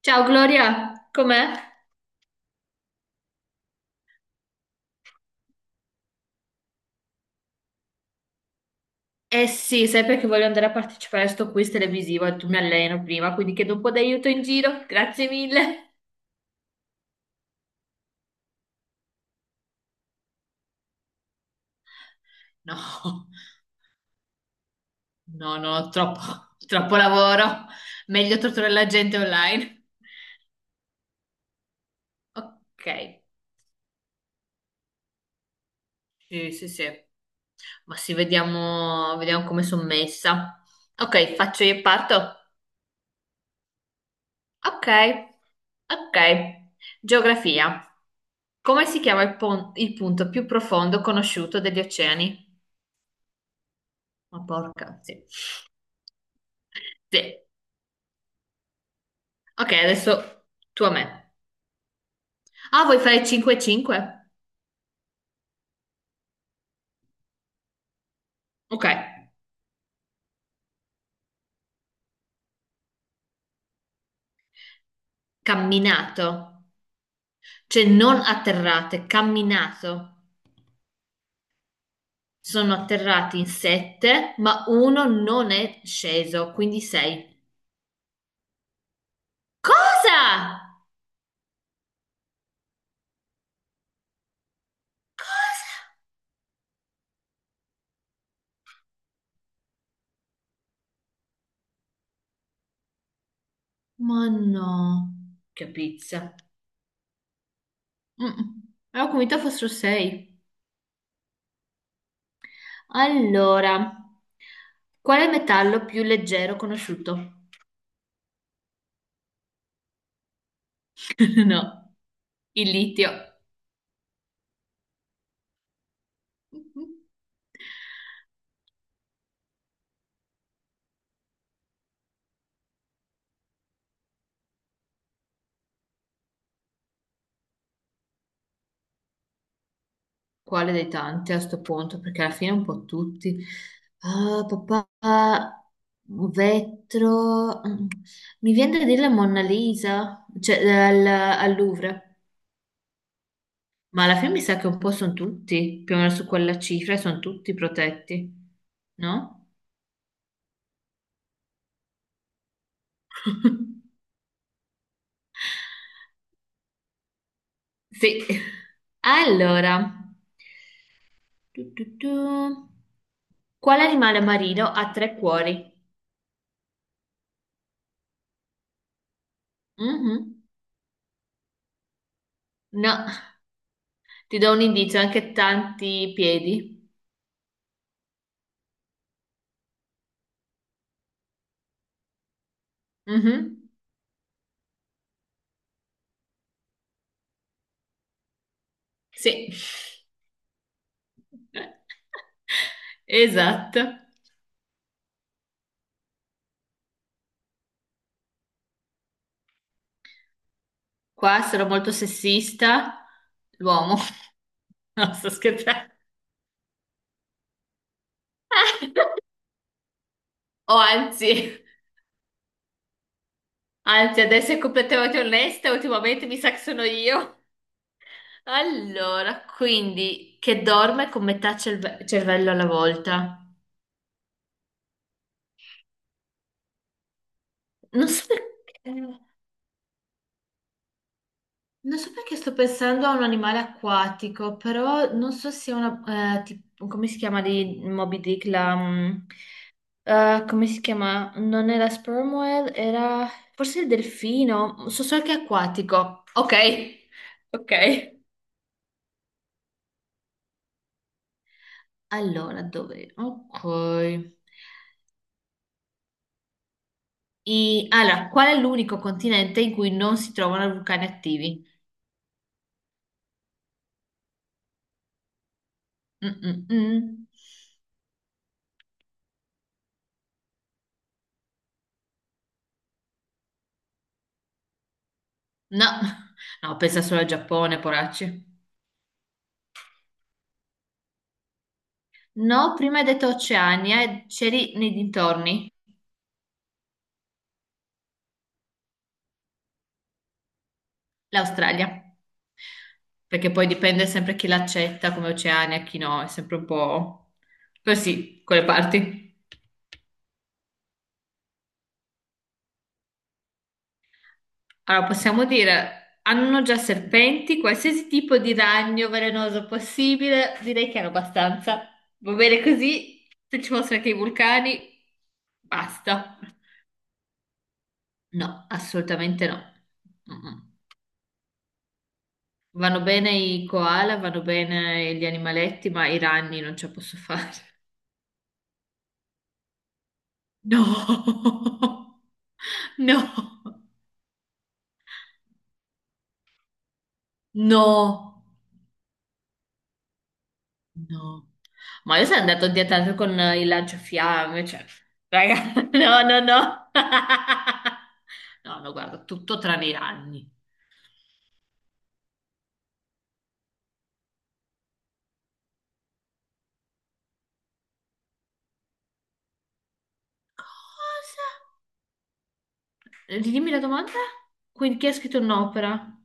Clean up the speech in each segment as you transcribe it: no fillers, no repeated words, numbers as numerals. Ciao Gloria, com'è? Eh sì, sai perché voglio andare a partecipare a sto quiz televisivo e tu mi alleno prima, quindi chiedo un po' d'aiuto in giro, grazie mille. No, no, no, troppo, troppo lavoro. Meglio torturare la gente online. Ok, sì, sì, sì. Ma sì, vediamo, vediamo come sono messa. Ok, faccio io e parto. Ok, ok. Geografia. Come si chiama il punto più profondo conosciuto degli oceani? Ma porca, sì. Sì. Ok, adesso tu a me. Ah, vuoi fare 5-5? Ok. Camminato. Cioè non atterrate, camminato. Sono atterrati in 7, ma uno non è sceso, quindi 6. Cosa? Cosa? Ma no. Che pizza. Mm. Avevo convinto fossero 6. Allora, qual è il metallo più leggero conosciuto? No, il litio. Mhm. Quale dei tanti a sto punto? Perché alla fine un po' tutti. Ah, papà, vetro. Mm. Mi viene da dire la Monna Lisa, cioè al, al Louvre. Ma alla fine mi sa che un po' sono tutti, più o meno su quella cifra, sono tutti protetti, no? Sì. Allora, tu. Quale animale marino ha tre cuori? Mhm. No. Ti do un indizio, anche tanti piedi. Mhm. Sì. Esatto. Qua sarò molto sessista, l'uomo. No, sto scherzando. O anzi, anzi, ad essere completamente onesta, ultimamente mi sa che sono io. Allora, quindi, che dorme con metà cervello alla volta. Non so perché. Non so perché sto pensando a un animale acquatico, però non so se è una, come si chiama di Moby Dick la, come si chiama? Non era sperm whale, era forse il delfino, so solo che è acquatico. Ok, ok. Allora, dove? Ok. Allora, qual è l'unico continente in cui non si trovano vulcani attivi? Mm, mm, mm. No, no, pensa solo al Giappone, poracci. No, prima hai detto Oceania e c'eri nei dintorni, l'Australia. Perché poi dipende sempre chi l'accetta come Oceania e chi no, è sempre un po' così, quelle parti. Allora, possiamo dire, hanno già serpenti, qualsiasi tipo di ragno velenoso possibile, direi che hanno abbastanza. Va bene così, se ci fossero anche i vulcani, basta. No, assolutamente no. Mm-mm. Vanno bene i koala, vanno bene gli animaletti, ma i ragni non ce la posso fare. No, no, no, no. Ma io sono andato a dieta con il lanciafiamme, cioè, raga, no, no, no. No, no, guarda, tutto tranne i ragni. Cosa? Ridimmi la domanda? Quindi chi ha scritto un'opera?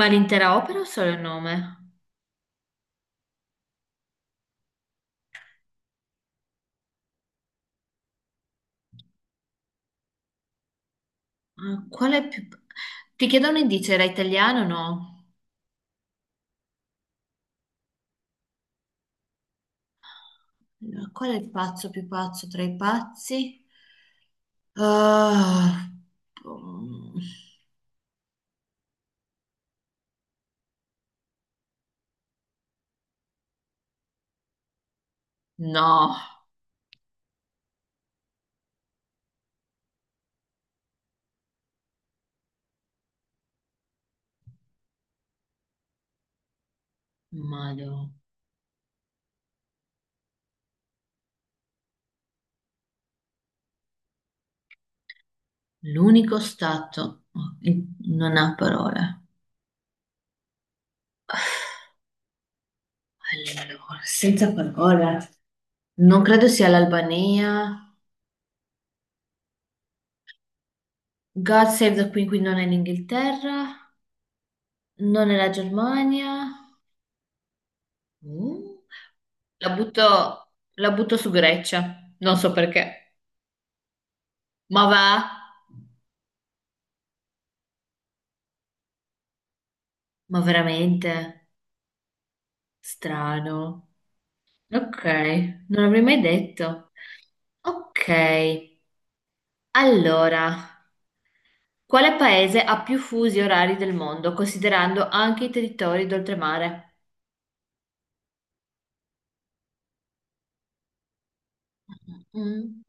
Ma l'intera opera o solo il nome? Ah, qual è più... Ti chiedo un indizio, era italiano o no? Allora, qual è il pazzo più pazzo tra i pazzi? Ah, mm, no, Madò. L'unico stato non ha parole. Allora, senza parole. Non credo sia l'Albania. God Save the Queen, quindi non è l'Inghilterra, non è la Germania. Uh, la butto su Grecia, non so perché. Ma va? Ma veramente? Strano. Ok, non l'avrei mai detto. Ok, allora, quale paese ha più fusi orari del mondo, considerando anche i territori d'oltremare? Mm.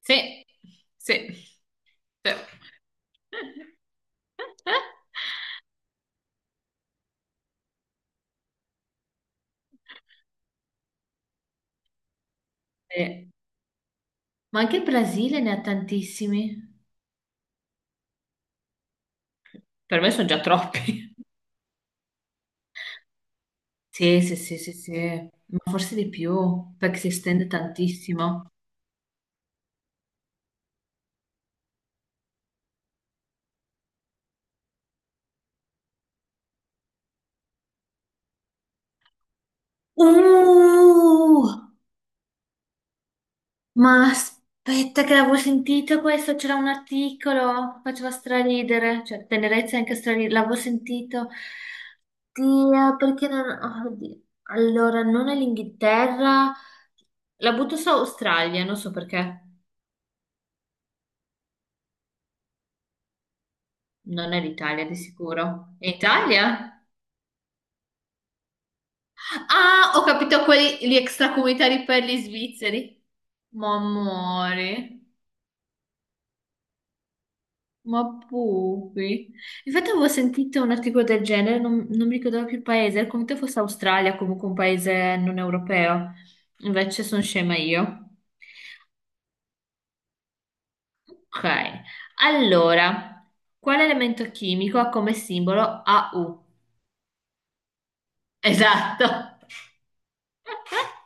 Sì, sì, sì. Eh, ma anche il Brasile ne ha tantissimi. Per me sono già troppi. Sì, sì, sì, sì, sì, ma forse di più, perché si estende tantissimo. Uh! Ma aspetta che l'avevo sentito questo, c'era un articolo, faceva straridere, cioè tenerezza è anche straridere, l'avevo sentito. Dio, perché non... oh, oddio. Allora, non è l'Inghilterra, la butto su Australia, non so perché, non è l'Italia di sicuro. È Italia? Ah, ho capito quelli, gli extracomunitari per gli svizzeri. Ma amore. Ma poi, infatti avevo sentito un articolo del genere, non mi ricordavo più il paese, era come se fosse Australia, comunque un paese non europeo. Invece sono scema io. Ok, allora, quale elemento chimico ha come simbolo AU? Esatto.